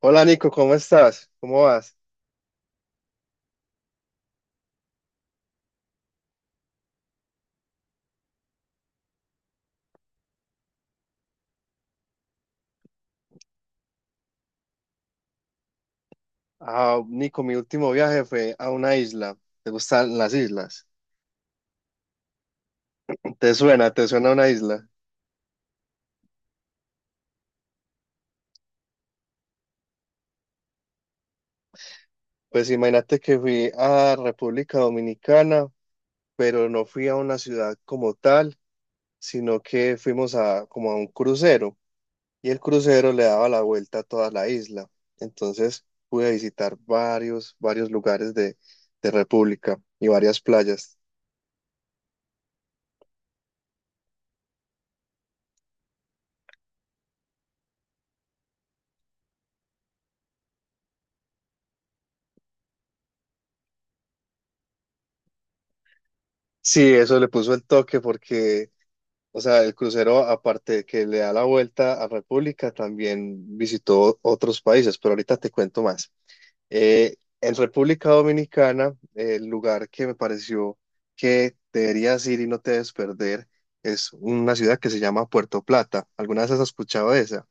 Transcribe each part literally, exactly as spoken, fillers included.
Hola, Nico, ¿cómo estás? ¿Cómo vas? Ah, Nico, mi último viaje fue a una isla. ¿Te gustan las islas? ¿Te suena? ¿Te suena una isla? Pues imagínate que fui a República Dominicana, pero no fui a una ciudad como tal, sino que fuimos a como a un crucero y el crucero le daba la vuelta a toda la isla. Entonces pude visitar varios, varios lugares de, de República y varias playas. Sí, eso le puso el toque porque, o sea, el crucero, aparte de que le da la vuelta a República, también visitó otros países, pero ahorita te cuento más. Eh, en República Dominicana, el lugar que me pareció que deberías ir y no te debes perder es una ciudad que se llama Puerto Plata. ¿Alguna vez has escuchado de esa?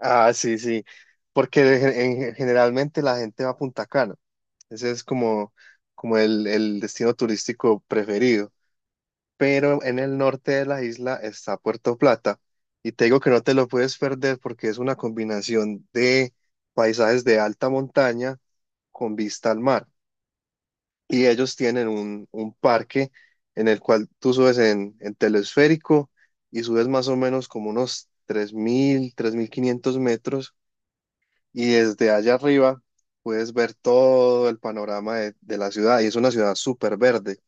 Ah, sí, sí, porque en- en- generalmente la gente va a Punta Cana. Ese es como, como el, el destino turístico preferido, pero en el norte de la isla está Puerto Plata. Y te digo que no te lo puedes perder porque es una combinación de paisajes de alta montaña con vista al mar. Y ellos tienen un, un parque en el cual tú subes en, en telesférico y subes más o menos como unos tres tres mil tres mil quinientos metros. Y desde allá arriba puedes ver todo el panorama de, de la ciudad. Y es una ciudad súper verde.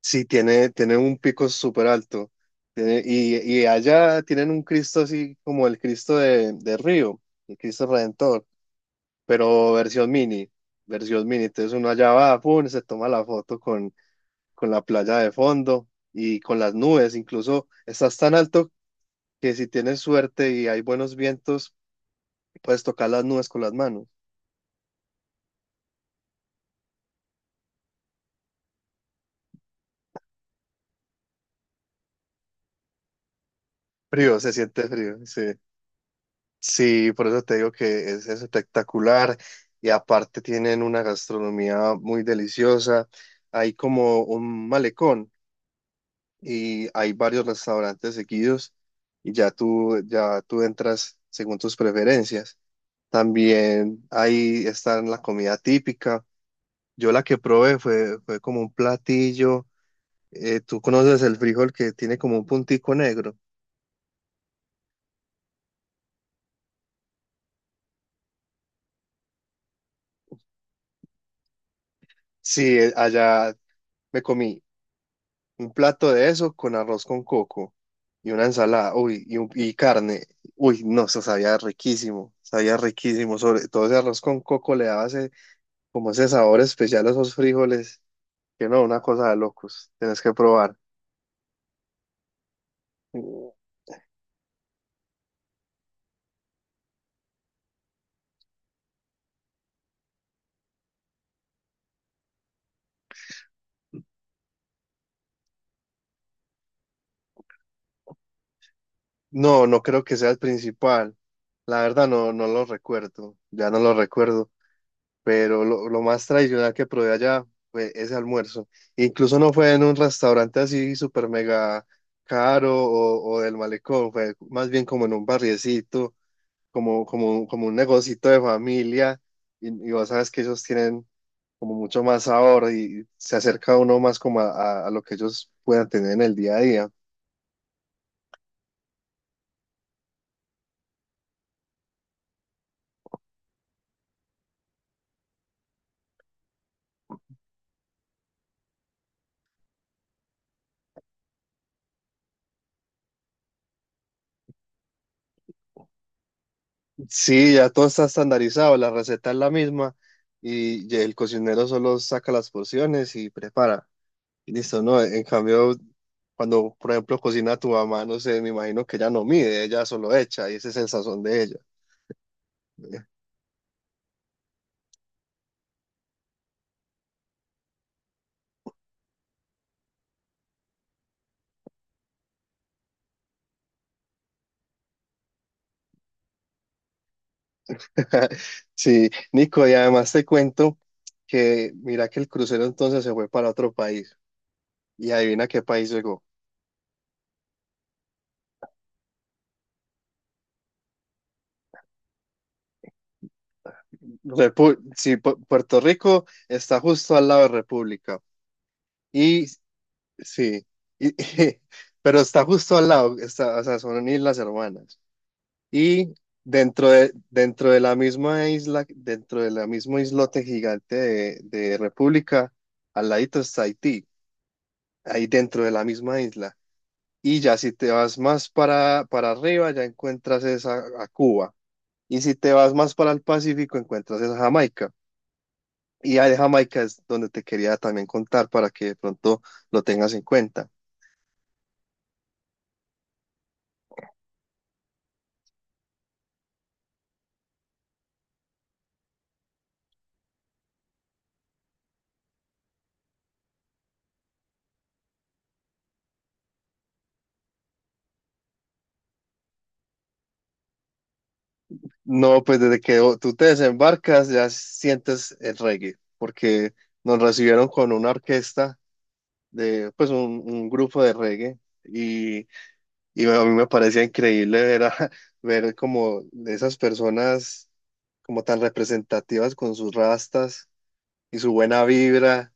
Sí, tiene, tiene un pico súper alto. Tiene- y, y allá tienen un Cristo así como el Cristo de, de Río, el Cristo Redentor, pero versión mini, versión mini. Entonces uno allá va, pum, se toma la foto con, con la playa de fondo y con las nubes. Incluso estás tan alto que, si tienes suerte y hay buenos vientos, puedes tocar las nubes con las manos. Frío, se siente frío, sí. Sí, por eso te digo que es, es espectacular y aparte tienen una gastronomía muy deliciosa. Hay como un malecón y hay varios restaurantes seguidos y ya tú, ya tú entras según tus preferencias. También ahí está la comida típica. Yo la que probé fue, fue como un platillo. eh, ¿tú conoces el frijol que tiene como un puntico negro? Sí, eh, allá me comí un plato de eso con arroz con coco y una ensalada, uy, y, un- y carne. Uy, no, eso sabía riquísimo, sabía riquísimo. Sobre todo ese arroz con coco le daba ese, como ese sabor especial a esos frijoles, que no, una cosa de locos, tenés que probar. No, no creo que sea el principal. La verdad no, no lo recuerdo, ya no lo recuerdo, pero lo, lo más tradicional que probé allá fue ese almuerzo. Incluso no fue en un restaurante así súper mega caro o, o del malecón, fue más bien como en un barriecito, como, como, como un negocito de familia, y, y vos sabes que ellos tienen como mucho más sabor y se acerca uno más como a, a a lo que ellos puedan tener en el día a día. Sí, ya todo está estandarizado, la receta es la misma y y el cocinero solo saca las porciones y prepara. Listo, ¿no? En cambio, cuando, por ejemplo, cocina tu mamá, no sé, me imagino que ella no mide, ella solo echa y ese es el sazón de ella. Sí, Nico, y además te cuento que mira que el crucero entonces se fue para otro país y adivina qué país llegó. Repu- sí, Pu- Puerto Rico está justo al lado de República y sí, y pero está justo al lado, está, o sea, son islas hermanas. Y dentro de, dentro de la misma isla, dentro de la mismo islote gigante de, de República, al ladito está Haití, ahí dentro de la misma isla. Y ya si te vas más para, para arriba, ya encuentras esa, a Cuba. Y si te vas más para el Pacífico, encuentras esa Jamaica. Y a Jamaica es donde te quería también contar para que de pronto lo tengas en cuenta. No, pues desde que o- tú te desembarcas ya sientes el reggae, porque nos recibieron con una orquesta de pues un, un grupo de reggae y, y a mí me parecía increíble ver, a- ver como esas personas, como tan representativas con sus rastas y su buena vibra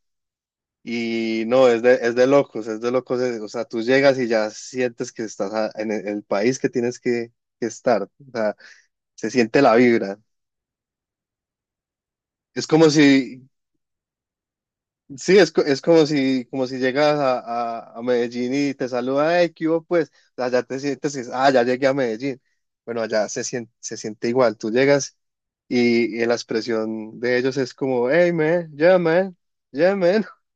y no, es de, es de locos, es de locos, es- o sea, tú llegas y ya sientes que estás a- en el, el país que tienes que, que estar, o sea, se siente la vibra. Es como si, sí, es, co- es como si, como si llegas a, a- a Medellín y te saluda, «¡Hey, ¿qué hubo, pues?». O sea, ya te sientes, y, ah, ya llegué a Medellín. Bueno, allá se siente, se siente igual. Tú llegas y, y la expresión de ellos es como, «hey, man, yeah, man, yeah, man».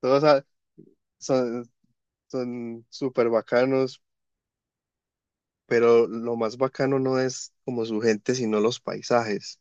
Todos a- son, son súper bacanos, pero lo más bacano no es como su gente, sino los paisajes.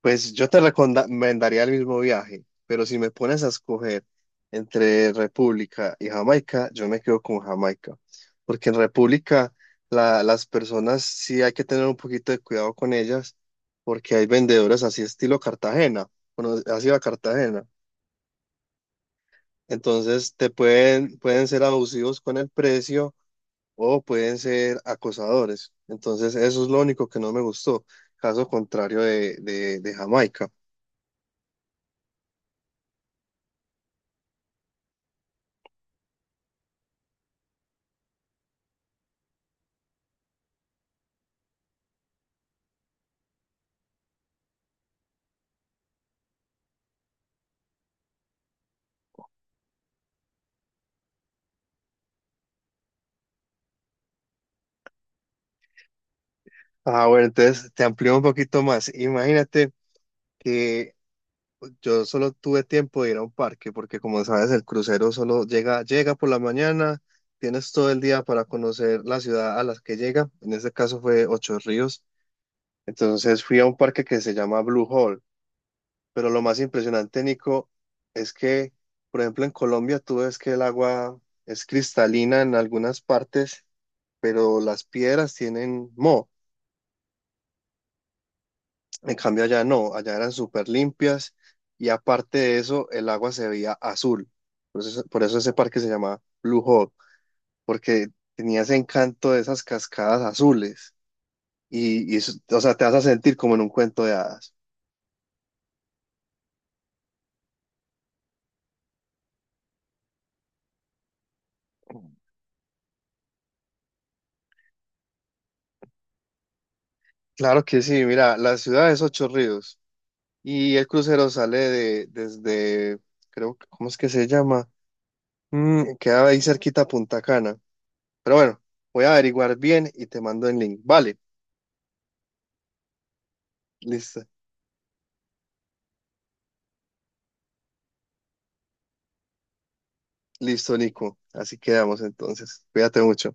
Pues yo te recomendaría el mismo viaje, pero si me pones a escoger entre República y Jamaica, yo me quedo con Jamaica, porque en República la- las personas sí hay que tener un poquito de cuidado con ellas, porque hay vendedores así estilo Cartagena, bueno, así va Cartagena, entonces te pueden, pueden ser abusivos con el precio o pueden ser acosadores, entonces eso es lo único que no me gustó, caso contrario de de- de Jamaica. Ah, bueno, entonces te amplío un poquito más. Imagínate que yo solo tuve tiempo de ir a un parque, porque como sabes, el crucero solo llega, llega por la mañana, tienes todo el día para conocer la ciudad a la que llega. En este caso fue Ocho Ríos. Entonces fui a un parque que se llama Blue Hole. Pero lo más impresionante, Nico, es que, por ejemplo, en Colombia tú ves que el agua es cristalina en algunas partes, pero las piedras tienen moho. En cambio allá no, allá eran súper limpias y aparte de eso el agua se veía azul. Por eso, por eso ese parque se llamaba Blue Hawk, porque tenía ese encanto de esas cascadas azules y, y eso, o sea, te vas a sentir como en un cuento de hadas. Claro que sí, mira, la ciudad es Ocho Ríos y el crucero sale de, desde, creo, que ¿cómo es que se llama? Mm, queda ahí cerquita a Punta Cana. Pero bueno, voy a averiguar bien y te mando el link. Vale, listo. Listo, Nico. Así quedamos entonces. Cuídate mucho.